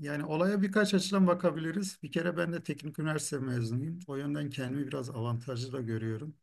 Yani olaya birkaç açıdan bakabiliriz. Bir kere ben de teknik üniversite mezunuyum. O yönden kendimi biraz avantajlı da görüyorum.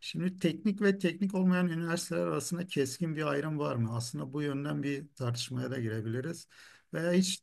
Şimdi teknik ve teknik olmayan üniversiteler arasında keskin bir ayrım var mı? Aslında bu yönden bir tartışmaya da girebiliriz. Veya hiç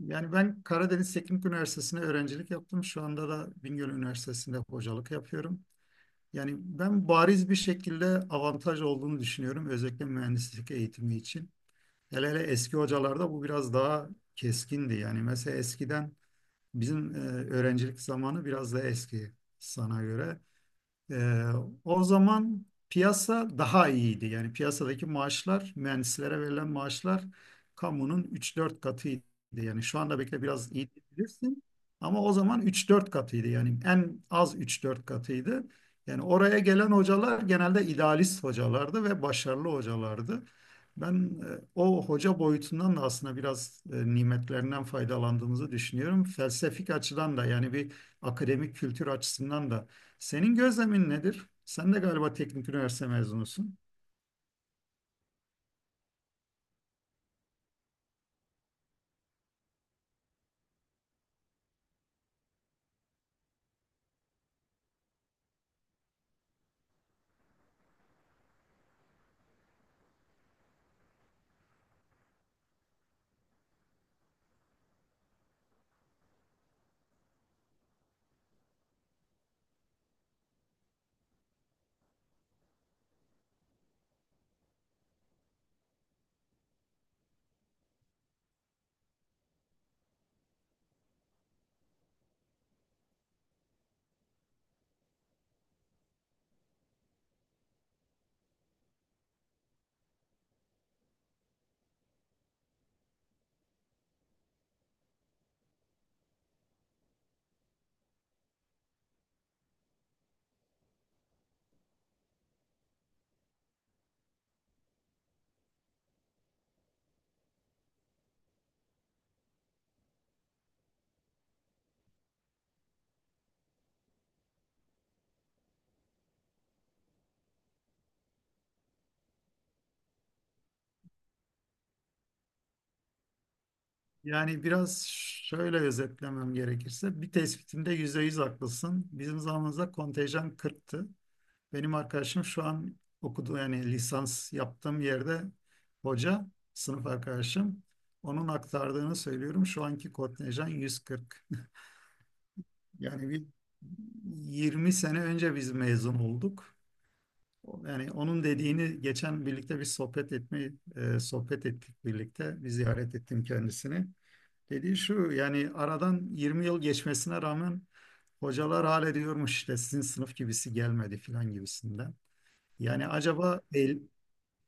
yani ben Karadeniz Teknik Üniversitesi'ne öğrencilik yaptım. Şu anda da Bingöl Üniversitesi'nde hocalık yapıyorum. Yani ben bariz bir şekilde avantaj olduğunu düşünüyorum özellikle mühendislik eğitimi için. Hele hele eski hocalarda bu biraz daha keskindi. Yani mesela eskiden bizim öğrencilik zamanı biraz daha eski sana göre. Ee, O zaman piyasa daha iyiydi. Yani piyasadaki maaşlar, mühendislere verilen maaşlar kamunun üç dört katıydı. Yani şu anda bekle biraz iyi diyebilirsin ama o zaman üç dört katıydı. Yani en az üç dört katıydı. Yani oraya gelen hocalar genelde idealist hocalardı ve başarılı hocalardı. Ben o hoca boyutundan da aslında biraz nimetlerinden faydalandığımızı düşünüyorum. Felsefik açıdan da, yani bir akademik kültür açısından da senin gözlemin nedir? Sen de galiba teknik üniversite mezunusun. Yani biraz şöyle özetlemem gerekirse, bir tespitinde %100 haklısın. Bizim zamanımızda kontenjan 40'tı. Benim arkadaşım şu an okuduğu yani lisans yaptığım yerde hoca, sınıf arkadaşım. Onun aktardığını söylüyorum. Şu anki kontenjan 140. Yani bir 20 sene önce biz mezun olduk. Yani onun dediğini geçen birlikte bir sohbet sohbet ettik birlikte. Bir ziyaret ettim kendisini. Dediği şu: yani aradan 20 yıl geçmesine rağmen hocalar hala diyormuş işte sizin sınıf gibisi gelmedi filan gibisinden. Yani acaba el,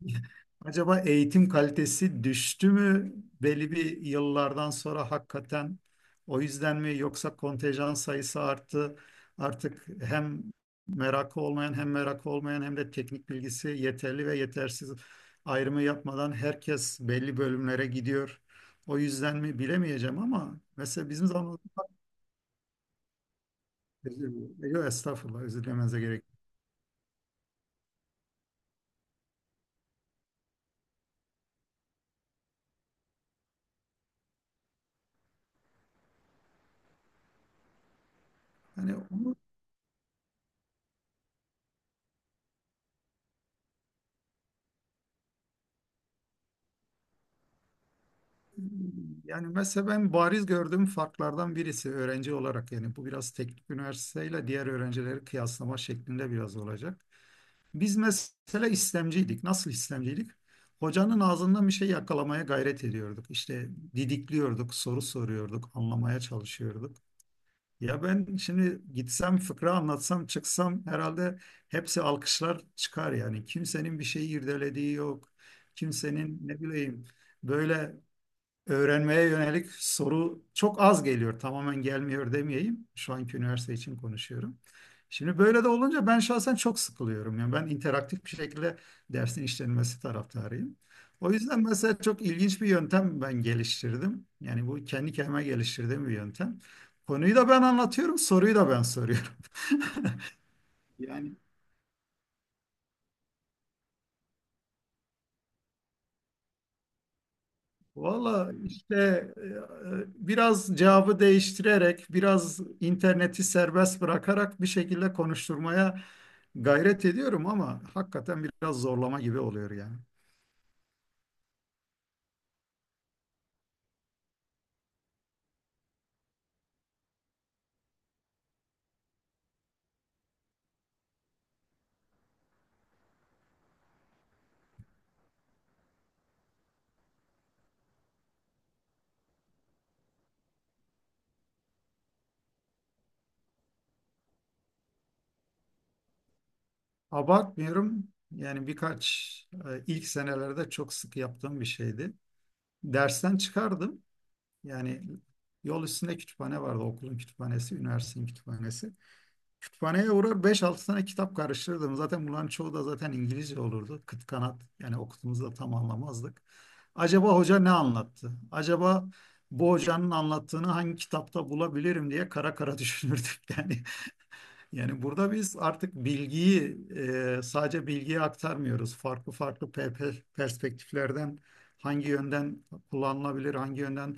Acaba eğitim kalitesi düştü mü belli bir yıllardan sonra hakikaten, o yüzden mi yoksa kontenjan sayısı arttı artık hem merakı olmayan hem de teknik bilgisi yeterli ve yetersiz ayrımı yapmadan herkes belli bölümlere gidiyor. O yüzden mi bilemeyeceğim ama mesela bizim zamanımızda. Yok, estağfurullah, özür dilemenize gerek yok. Yani onu Yani mesela ben bariz gördüğüm farklardan birisi öğrenci olarak, yani bu biraz teknik üniversiteyle diğer öğrencileri kıyaslama şeklinde biraz olacak. Biz mesela istemciydik. Nasıl istemciydik? Hocanın ağzından bir şey yakalamaya gayret ediyorduk. İşte didikliyorduk, soru soruyorduk, anlamaya çalışıyorduk. Ya ben şimdi gitsem fıkra anlatsam çıksam herhalde hepsi alkışlar çıkar yani. Kimsenin bir şeyi irdelediği yok. Kimsenin ne bileyim böyle öğrenmeye yönelik soru çok az geliyor. Tamamen gelmiyor demeyeyim. Şu anki üniversite için konuşuyorum. Şimdi böyle de olunca ben şahsen çok sıkılıyorum. Yani ben interaktif bir şekilde dersin işlenmesi taraftarıyım. O yüzden mesela çok ilginç bir yöntem ben geliştirdim. Yani bu kendi kendime geliştirdiğim bir yöntem. Konuyu da ben anlatıyorum, soruyu da ben soruyorum. Yani valla işte, biraz cevabı değiştirerek, biraz interneti serbest bırakarak bir şekilde konuşturmaya gayret ediyorum ama hakikaten biraz zorlama gibi oluyor yani. Abartmıyorum. Yani ilk senelerde çok sık yaptığım bir şeydi. Dersten çıkardım. Yani yol üstünde kütüphane vardı. Okulun kütüphanesi, üniversitenin kütüphanesi. Kütüphaneye uğrar beş altı tane kitap karıştırırdım. Zaten bunların çoğu da zaten İngilizce olurdu. Kıt kanat yani okuduğumuzu da tam anlamazdık. Acaba hoca ne anlattı? Acaba bu hocanın anlattığını hangi kitapta bulabilirim diye kara kara düşünürdük yani. Yani burada biz artık sadece bilgiyi aktarmıyoruz. Farklı farklı perspektiflerden hangi yönden kullanılabilir, hangi yönden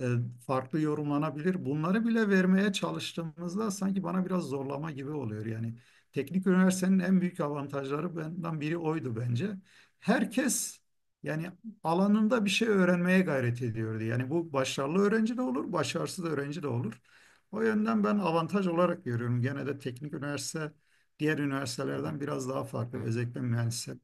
e, farklı yorumlanabilir. Bunları bile vermeye çalıştığımızda sanki bana biraz zorlama gibi oluyor. Yani teknik üniversitenin en büyük avantajları benden biri oydu bence. Herkes yani alanında bir şey öğrenmeye gayret ediyordu. Yani bu başarılı öğrenci de olur, başarısız öğrenci de olur. O yönden ben avantaj olarak görüyorum. Gene de teknik üniversite diğer üniversitelerden biraz daha farklı. Özellikle mühendislik.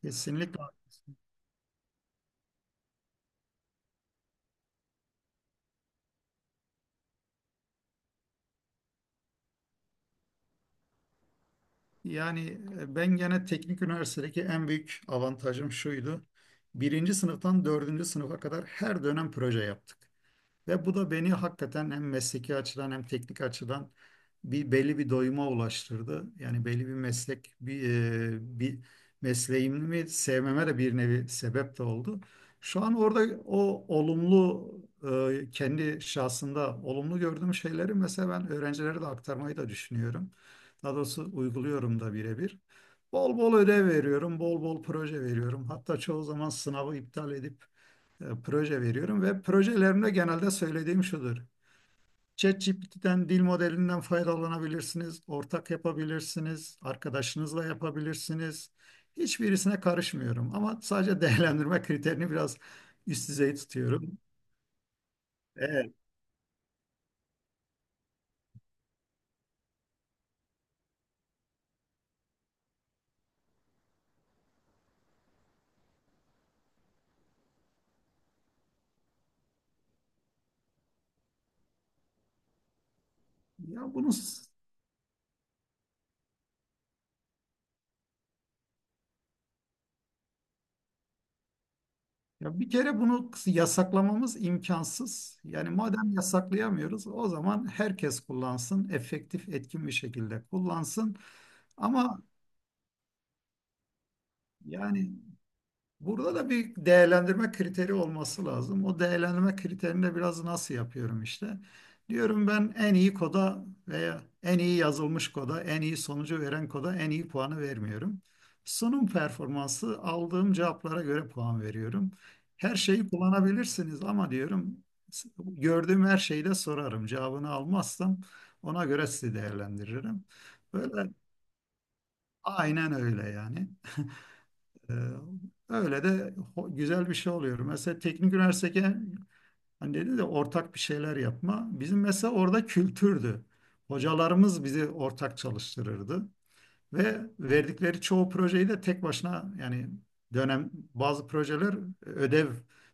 Kesinlikle, haklısın. Yani ben gene teknik üniversitedeki en büyük avantajım şuydu. Birinci sınıftan dördüncü sınıfa kadar her dönem proje yaptık. Ve bu da beni hakikaten hem mesleki açıdan hem teknik açıdan bir belli bir doyuma ulaştırdı. Yani belli bir e, bir mesleğimi sevmeme de bir nevi sebep de oldu. Şu an orada o olumlu kendi şahsında olumlu gördüğüm şeyleri mesela ben öğrencilere de aktarmayı da düşünüyorum. Daha doğrusu uyguluyorum da birebir. Bol bol ödev veriyorum, bol bol proje veriyorum. Hatta çoğu zaman sınavı iptal edip proje veriyorum ve projelerimde genelde söylediğim şudur. ChatGPT'den, dil modelinden faydalanabilirsiniz, ortak yapabilirsiniz, arkadaşınızla yapabilirsiniz. Hiçbirisine karışmıyorum ama sadece değerlendirme kriterini biraz üst düzey tutuyorum. Evet, ya bunu ya bir kere bunu yasaklamamız imkansız. Yani madem yasaklayamıyoruz, o zaman herkes kullansın, efektif, etkin bir şekilde kullansın. Ama yani burada da bir değerlendirme kriteri olması lazım. O değerlendirme kriterini de biraz nasıl yapıyorum işte. Diyorum ben en iyi koda veya en iyi yazılmış koda, en iyi sonucu veren koda en iyi puanı vermiyorum. Sunum performansı, aldığım cevaplara göre puan veriyorum. Her şeyi kullanabilirsiniz ama diyorum gördüğüm her şeyi de sorarım. Cevabını almazsam ona göre sizi değerlendiririm. Böyle, aynen öyle yani. Ee, Öyle de güzel bir şey oluyor. Mesela teknik üniversitede hani dedi de ortak bir şeyler yapma. Bizim mesela orada kültürdü. Hocalarımız bizi ortak çalıştırırdı. Ve verdikleri çoğu projeyi de tek başına yani dönem bazı projeler ödev,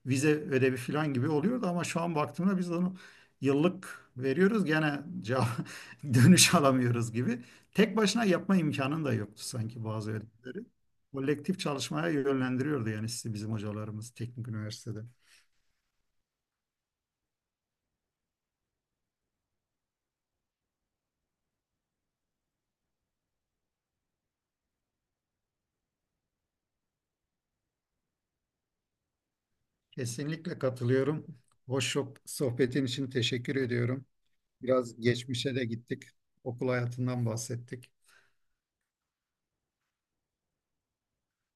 vize ödevi falan gibi oluyordu ama şu an baktığımda biz onu yıllık veriyoruz gene cevap, dönüş alamıyoruz gibi. Tek başına yapma imkanın da yoktu sanki bazı ödevleri. Kolektif çalışmaya yönlendiriyordu yani sizi bizim hocalarımız teknik üniversitede. Kesinlikle katılıyorum. Sohbetin için teşekkür ediyorum. Biraz geçmişe de gittik. Okul hayatından bahsettik.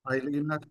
Hayırlı günler.